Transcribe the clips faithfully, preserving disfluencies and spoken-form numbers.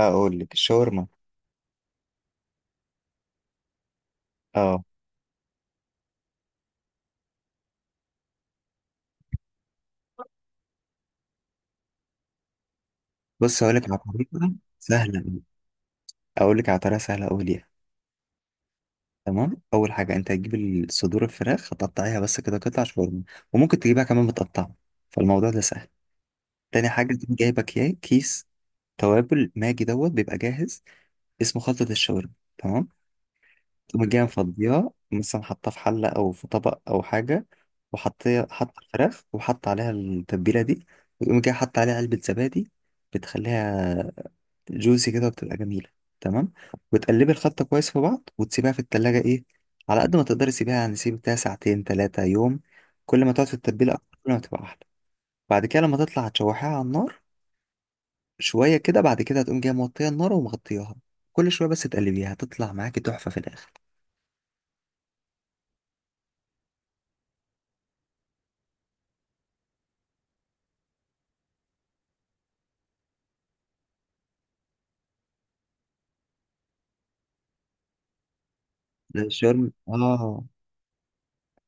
هقول لك الشاورما. اه، بص هقول لك على طريقه سهله أوي. اقول لك على طريقه سهله قوي ليها. تمام، اول حاجه انت هتجيب الصدور الفراخ، هتقطعيها بس كده قطع شاورما. وممكن تجيبها كمان متقطعه، فالموضوع ده سهل. تاني حاجه، تكون جايبه كيا- كيس توابل ماجي دوت، بيبقى جاهز. اسمه خلطه الشاورما. تمام. تقوم جايه مفضيها مثلا، حاطاه في حله او في طبق او حاجه، وحطيها حط الفراخ وحط عليها التتبيله دي. ويقوم جاي حط عليها علبه زبادي، بتخليها جوسي كده، بتبقى جميلة. تمام. وتقلبي الخلطة كويس في بعض وتسيبيها في التلاجة، ايه، على قد ما تقدري سيبيها، يعني سيب بتاع ساعتين تلاتة يوم. كل ما تقعد في التتبيلة أكتر، كل ما تبقى أحلى. بعد كده لما تطلع هتشوحيها على النار شوية كده. بعد كده هتقوم جاية موطية النار ومغطياها، كل شوية بس تقلبيها، هتطلع معاكي تحفة في الآخر. ده الشاورما، اه.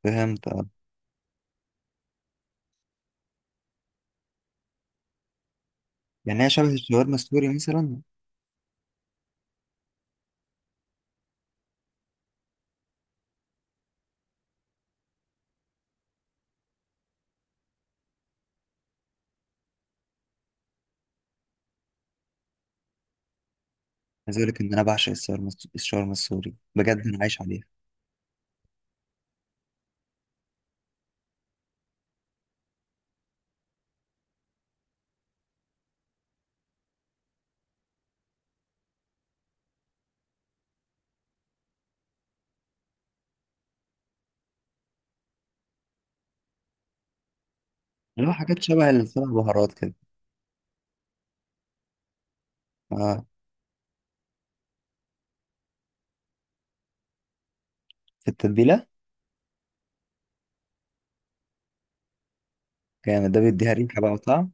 فهمت، اه. يعني هي شبه الشاورما السوري مثلا. عايز أقول لك إن أنا بعشق الشاورما الشاورما السوري بجد أنا عايش عليها. اللي هو حاجات شبه السبع بهارات كده، اه. في التتبيلة. جامد، ده بيديها ريحة بقى وطعم.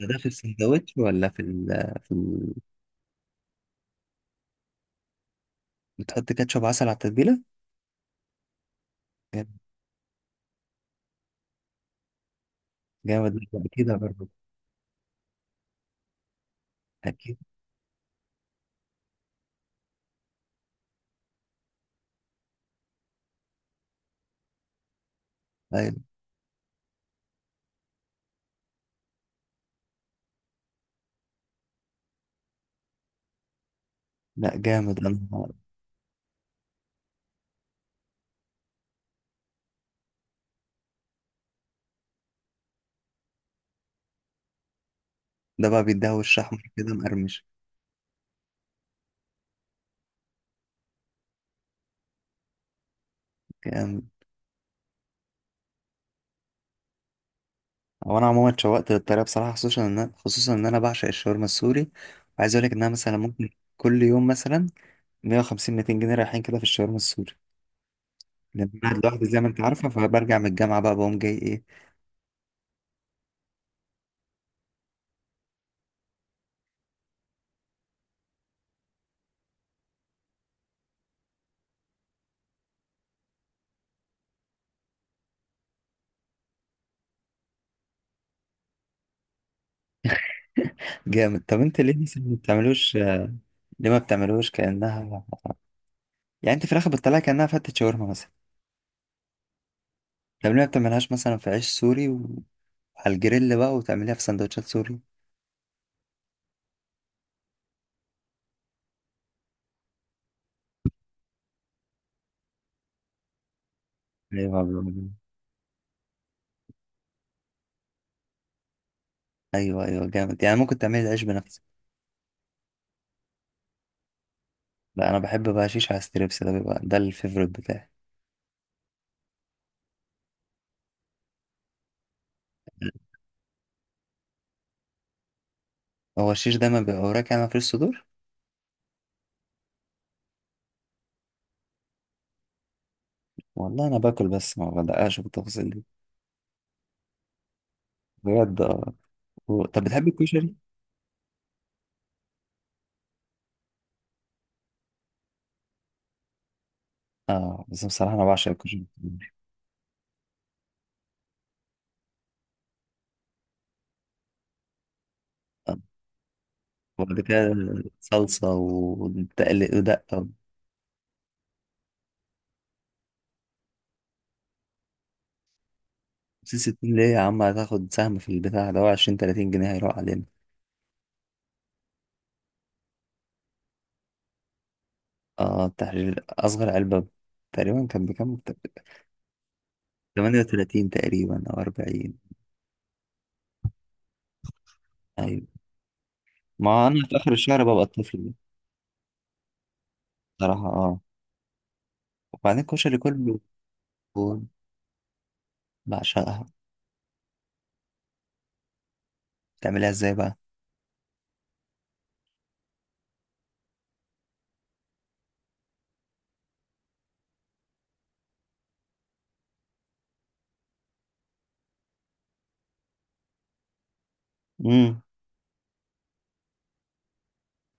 ده ده في السندوتش ولا في ال في ال... بتحط كاتشب عسل على التتبيلة؟ جامد. جامد، لا، أكيد برضه. أكيد. أيوة. لا، جامد أنا. ده بقى بيديها وش أحمر كده مقرمش. جامد. هو أنا عموما اتشوقت للطريقة بصراحة، خصوصا إن أنا- خصوصا إن أنا بعشق الشاورما السوري. وعايز أقول لك إن أنا مثلا ممكن كل يوم مثلا مية وخمسين ميتين جنيه رايحين كده في الشاورما السوري، لأن أنا قاعد لوحدي زي ما أنت عارفة. فبرجع من الجامعة بقى بقوم جاي إيه. جامد. طب أنت ليه مثلا ما بتعملوش؟ ليه ما بتعملوش كأنها، يعني انت في الاخر بتطلعها كانها فتة شاورما مثلا. طب ليه ما بتعملهاش مثلا في عيش سوري و- وعلى الجريل بقى، وتعمليها في سندوتشات سوري؟ ايوه، بالظبط. ايوه ايوه، جامد. يعني ممكن تعملي العيش بنفسك. لا، انا بحب بقى شيش على ستريبس، ده بيبقى ده الفيفوريت بتاعي. هو الشيش دايما بيبقى وراك، يعني مفيش صدور. والله انا باكل بس ما بدققش بالتفاصيل دي، بجد اه. و- طب بتحب الكشري؟ اه، بس بصراحه انا بعشق الكشري. آه. وبعد كده صلصه ودقه. خمسين ستين ليه يا عم؟ هتاخد سهم في البتاع ده؟ هو عشرين تلاتين جنيه هيروح علينا. اه التحرير. أصغر علبة تقريبا كان بكام؟ تمانية وتلاتين تقريبا أو أربعين. أيوة. ما أنا في آخر الشهر ببقى الطفل ده. بصراحة اه. وبعدين الكشري كله. بعشقها. بتعملها ازاي بقى؟ امم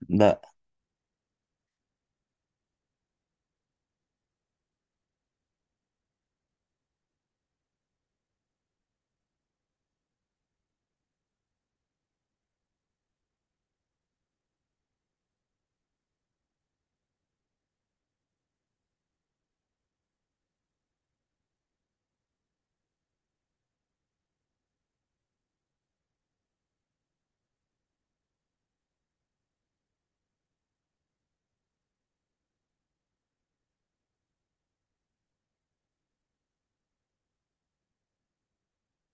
لا.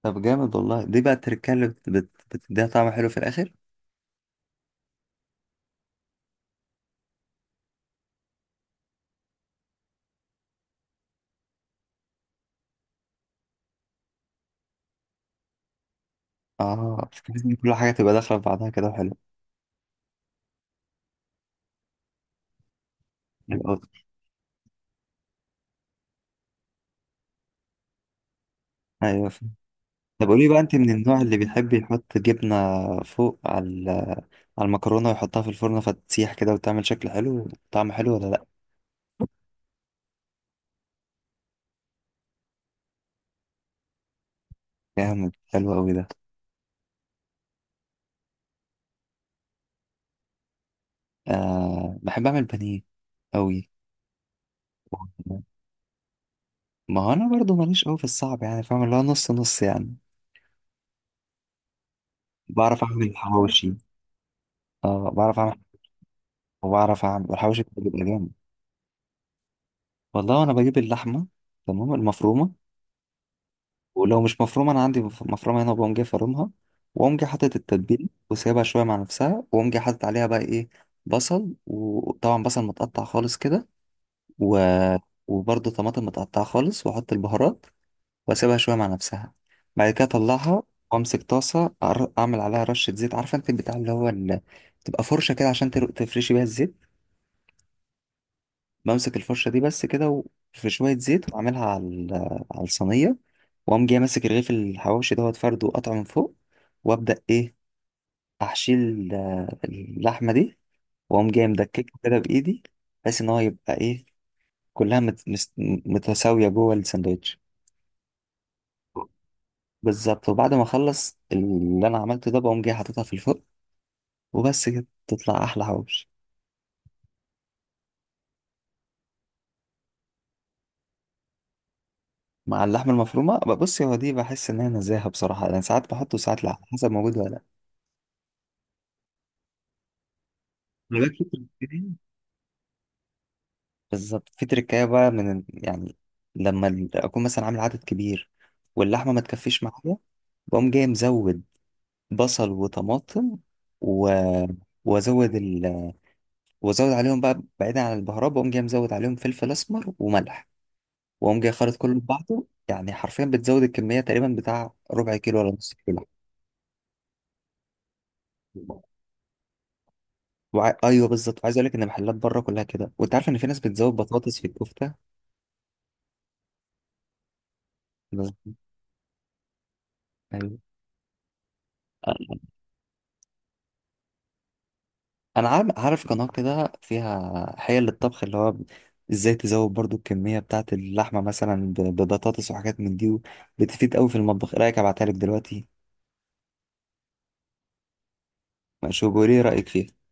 طب جامد والله، دي بقى التركية اللي بت- بت- بتديها طعم حلو في الآخر. اه، بتحس إن كل حاجة تبقى داخلة في بعضها كده، حلو. أيوة، فاهم. طب قولي بقى، أنت من النوع اللي بيحب يحط جبنة فوق على على المكرونة ويحطها في الفرن فتسيح كده وتعمل شكل حلو، طعم حلو، ولا لأ؟ جامد، حلو أوي ده. آه، بحب أعمل بانيه أوي. ما هو أنا برضو ماليش أوي في الصعب، يعني فاهم اللي هو نص نص يعني. بعرف أعمل حواوشي. اه، بعرف أعمل، وبعرف أعمل، والحواوشي بيبقى جامد. والله أنا بجيب اللحمة، تمام، المفرومة. ولو مش مفرومة، أنا عندي مف- مفرومة هنا، وبقوم جاي فارمها. وأقوم جاي حاطط التتبيل وسايبها شوية مع نفسها، وأقوم جاي حاطط عليها بقى إيه، بصل. وطبعا بصل متقطع خالص كده و... وبرضه طماطم متقطعة خالص، وأحط البهارات. وأسيبها شوية مع نفسها. بعد كده أطلعها، وأمسك طاسة. أعر- أعمل عليها رشة زيت. عارفة أنت البتاع اللي هو ال... تبقى فرشة كده عشان تر- تفرشي بيها الزيت. بمسك الفرشة دي بس كده، و- في شوية زيت، وأعملها على ال... على الصينية. وأقوم جاي ماسك رغيف الحواوشي دوت فرده وقطعه من فوق، وأبدأ إيه، أحشي ال- اللحمة دي. وأقوم جاي مدككه كده بإيدي، بحيث إن هو يبقى إيه، كلها مت... مست- متساوية جوه الساندوتش. بالظبط. وبعد ما اخلص اللي انا عملته ده، بقوم جاي حاططها في الفرن، وبس كده تطلع احلى حواوشي. مع اللحمه المفرومه، بص هو دي بحس ان هي نزاهه بصراحه، انا ساعات بحطه وساعات لا، على حسب موجود ولا لا. انا بقى في تركتين. بالظبط، في تركايه بقى من ال- يعني لما ال- اكون مثلا عامل عدد كبير واللحمه ما تكفيش معايا، بقوم جاي مزود بصل وطماطم و... وازود ال... وازود عليهم بقى، بعيدا عن البهارات، بقوم جاي مزود عليهم فلفل اسمر وملح، واقوم جاي خالط كله في بعضه. يعني حرفيا بتزود الكميه تقريبا بتاع ربع كيلو ولا نص كيلو لحمة. وع... ايوه، بالظبط. وعايز اقول لك ان محلات بره كلها كده. وانت عارف ان في ناس بتزود بطاطس في الكفته. بس- ايوه، انا عارف، عارف قناه كده فيها حيل للطبخ، اللي هو ازاي تزود برضو الكميه بتاعه اللحمه، مثلا ب- ببطاطس وحاجات من دي، بتفيد قوي في المطبخ. ايه رايك ابعتها لك دلوقتي؟ شوف، قولي ايه رايك فيها.